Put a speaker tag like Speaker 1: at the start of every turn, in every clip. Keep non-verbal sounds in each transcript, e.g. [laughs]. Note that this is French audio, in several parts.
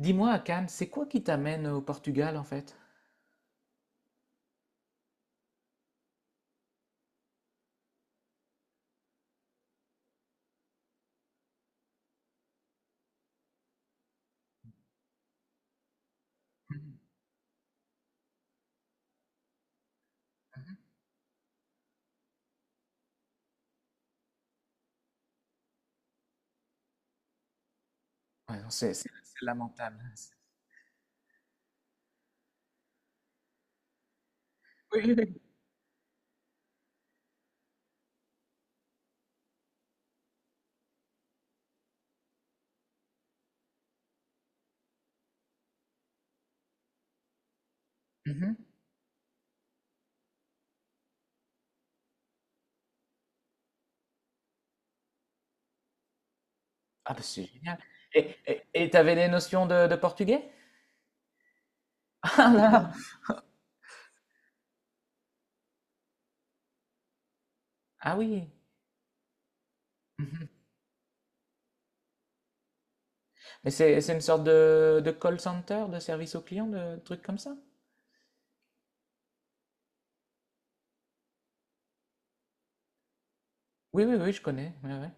Speaker 1: Dis-moi, Akane, c'est quoi qui t'amène au Portugal en fait? Ouais, non, c'est lamentable. Oui, oui, oui. Mhm. Ah, bah, c'est génial. Et t'avais des notions de portugais? [laughs] Ah là! Ah oui! Mhm. Mais c'est une sorte de call center, de service au client, de trucs comme ça? Oui, oui, oui, je connais. Ouais, ouais.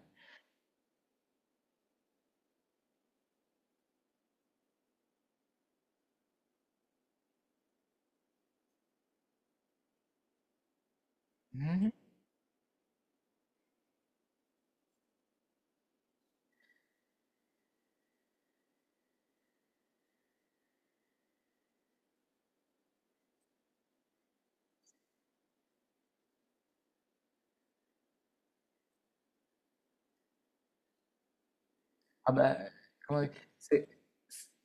Speaker 1: Mhm. Ah bah, comment dire, c'est-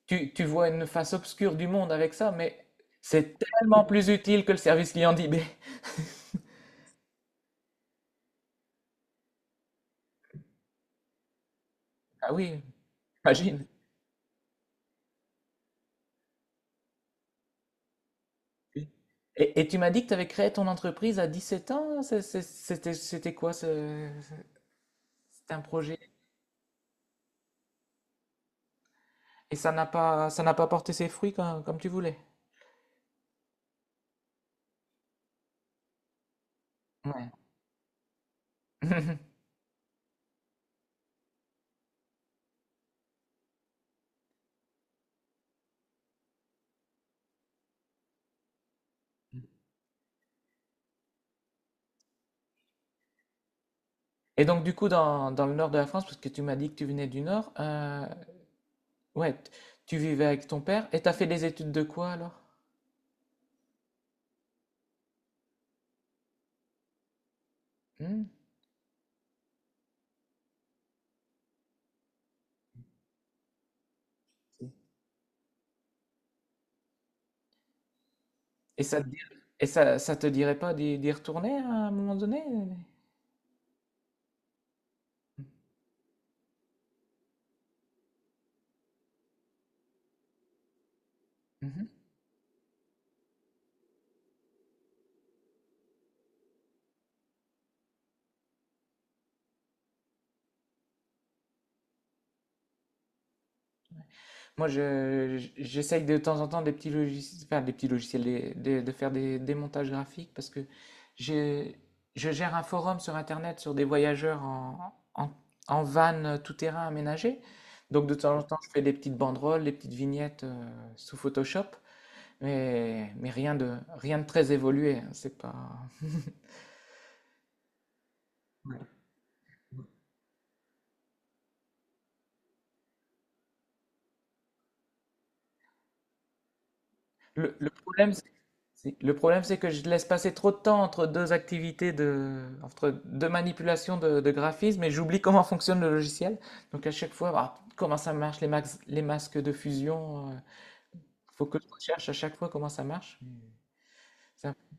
Speaker 1: tu vois une face obscure du monde avec ça, mais c'est tellement plus utile que le service client d'eBay. [laughs] Ah oui, imagine. Oui. Et tu m'as dit que tu avais créé ton entreprise à 17 ans. C'était, c'était quoi ce, c'était un projet? Et ça n'a pas porté ses fruits comme, comme tu voulais. Ouais. [laughs] Et donc, du coup, dans, dans le nord de la France, parce que tu m'as dit que tu venais du nord, ouais, t- tu vivais avec ton père et t'as fait des études de quoi alors? Hmm. Et ça te dir- et ça te dirait pas d'y retourner à un moment donné? Mhm. Moi, j'essaye de temps en temps des petits logiciels, enfin, des petits logiciels, de faire des montages graphiques parce que j'ai- je gère un forum sur Internet sur des voyageurs en, en, en van tout-terrain aménagé. Donc, de temps en temps, je fais des petites banderoles, des petites vignettes sous Photoshop. Mais rien de, rien de très évolué, hein, c'est pas. [laughs] Ouais. Le problème, c'est le problème, c'est que je laisse passer trop de temps entre deux activités de, entre deux manipulations de graphisme, et j'oublie comment fonctionne le logiciel. Donc à chaque fois, ah, comment ça marche les, les masques de fusion. Faut que je recherche à chaque fois comment ça marche. C'est un peu-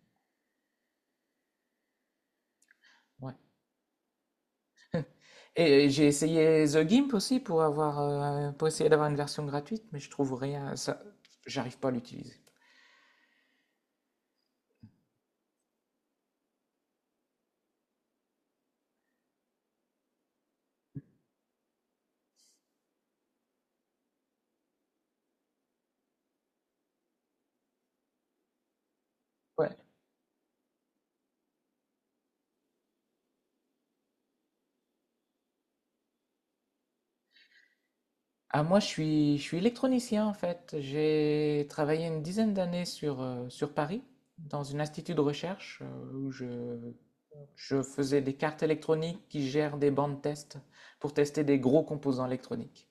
Speaker 1: ouais. Et j'ai essayé The Gimp aussi pour avoir, pour essayer d'avoir une version gratuite, mais je trouve rien. Ça, j'arrive pas à l'utiliser. Ouais. Ah, moi, je suis électronicien en fait. J'ai travaillé une dizaine d'années sur, sur Paris, dans un institut de recherche où je faisais des cartes électroniques qui gèrent des bandes test pour tester des gros composants électroniques.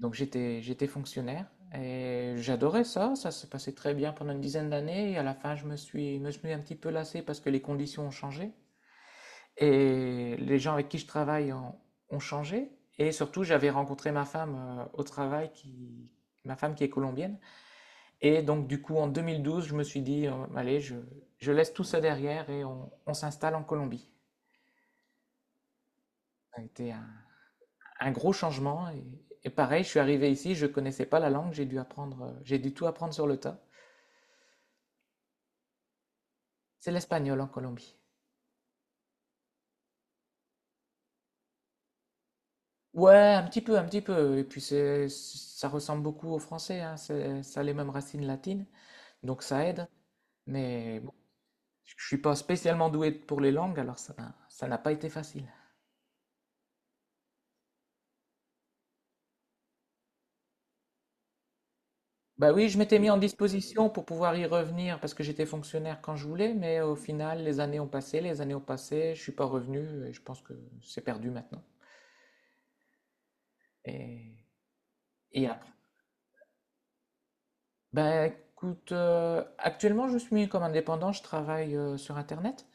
Speaker 1: Donc j'étais fonctionnaire et j'adorais ça. Ça se passait très bien pendant une dizaine d'années et à la fin, me suis un petit peu lassé parce que les conditions ont changé. Et les gens avec qui je travaille ont, ont changé. Et surtout, j'avais rencontré ma femme au travail, qui, ma femme qui est colombienne. Et donc, du coup, en 2012, je me suis dit, allez, je laisse tout ça derrière et on s'installe en Colombie. Ça a été un gros changement. Et pareil, je suis arrivé ici, je ne connaissais pas la langue, j'ai dû apprendre, j'ai dû tout apprendre sur le tas. C'est l'espagnol en Colombie. Ouais, un petit peu, un petit peu. Et puis, c'est, ça ressemble beaucoup au français, hein, c'est- ça a les mêmes racines latines. Donc ça aide. Mais bon, je suis pas spécialement doué pour les langues, alors ça, ça n'a pas été facile. Bah oui, je m'étais mis en disposition pour pouvoir y revenir parce que j'étais fonctionnaire quand je voulais, mais au final, les années ont passé, les années ont passé, je suis pas revenu et je pense que c'est perdu maintenant. Et, et après. Bah écoute, actuellement, je suis comme indépendant, je travaille sur Internet.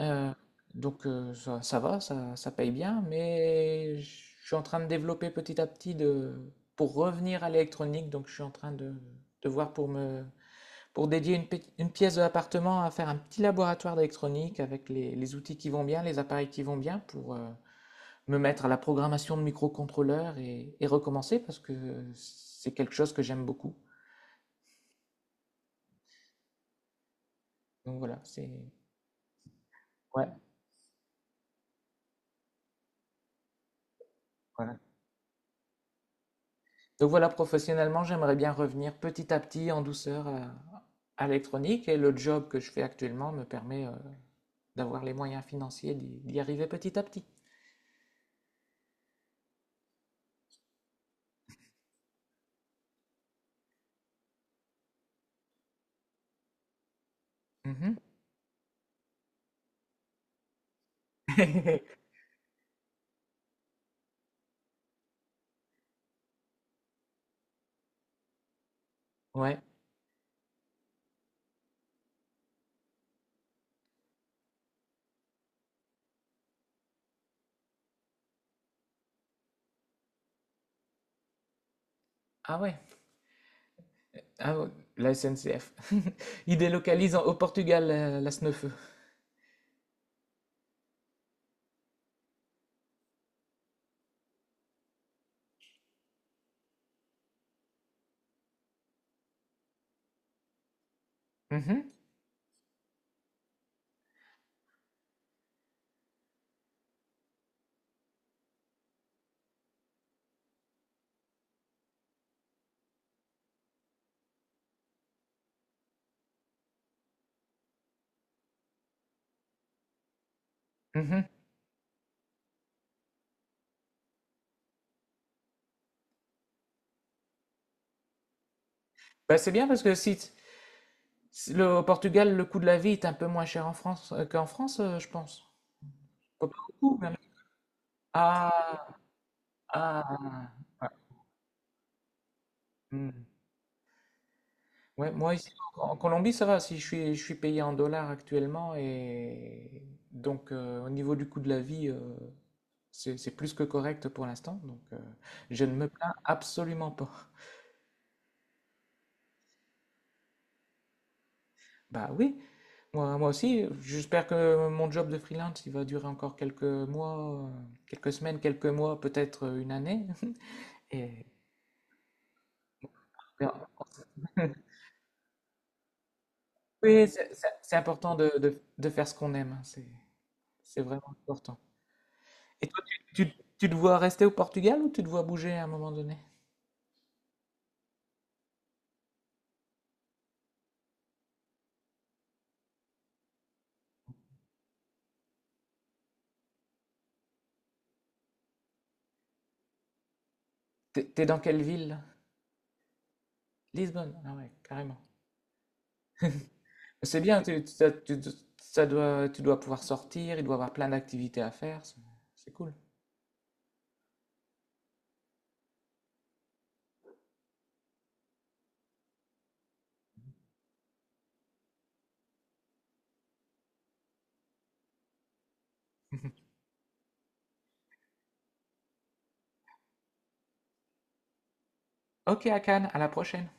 Speaker 1: Euh, donc ça, ça va, ça paye bien, mais je suis en train de développer petit à petit de, pour revenir à l'électronique. Donc je suis en train de voir pour me, pour dédier une, une pièce de l'appartement à faire un petit laboratoire d'électronique avec les outils qui vont bien, les appareils qui vont bien pour me mettre à la programmation de microcontrôleurs et recommencer parce que c'est quelque chose que j'aime beaucoup. Donc voilà, c'est... Ouais, voilà. Donc voilà, professionnellement, j'aimerais bien revenir petit à petit, en douceur, à l'électronique, et le job que je fais actuellement me permet d'avoir les moyens financiers d'y arriver petit à petit. Mhm. [laughs] Ouais. Ah ouais. Ah ouais. La SNCF. [laughs] Ils délocalisent en- au Portugal la SNEFE. Mhm. Mhm. Bah, c'est bien parce que si, t- si le, au Portugal, le coût de la vie est un peu moins cher en France qu'en France, je pense. Pas beaucoup, même. Ah, ah. Ouais. Ouais, moi ici en en Colombie ça va, si je suis payé en dollars actuellement et donc au niveau du coût de la vie c'est plus que correct pour l'instant donc je ne me plains absolument pas. [laughs] Bah oui, moi, moi aussi j'espère que mon job de freelance il va durer encore quelques mois, quelques semaines, quelques mois, peut-être une année [laughs] et oui c'est c'est important de, de faire ce qu'on aime, hein, c'est vraiment important. Et toi, tu, tu- tu te vois rester au Portugal ou tu te vois bouger à un moment donné? T'es t'es dans quelle ville? Lisbonne. Ah ouais, carrément. C'est bien, ça doit, tu dois pouvoir sortir, il doit y avoir plein d'activités à faire. C'est cool. [laughs] Ok, Akan, à la prochaine.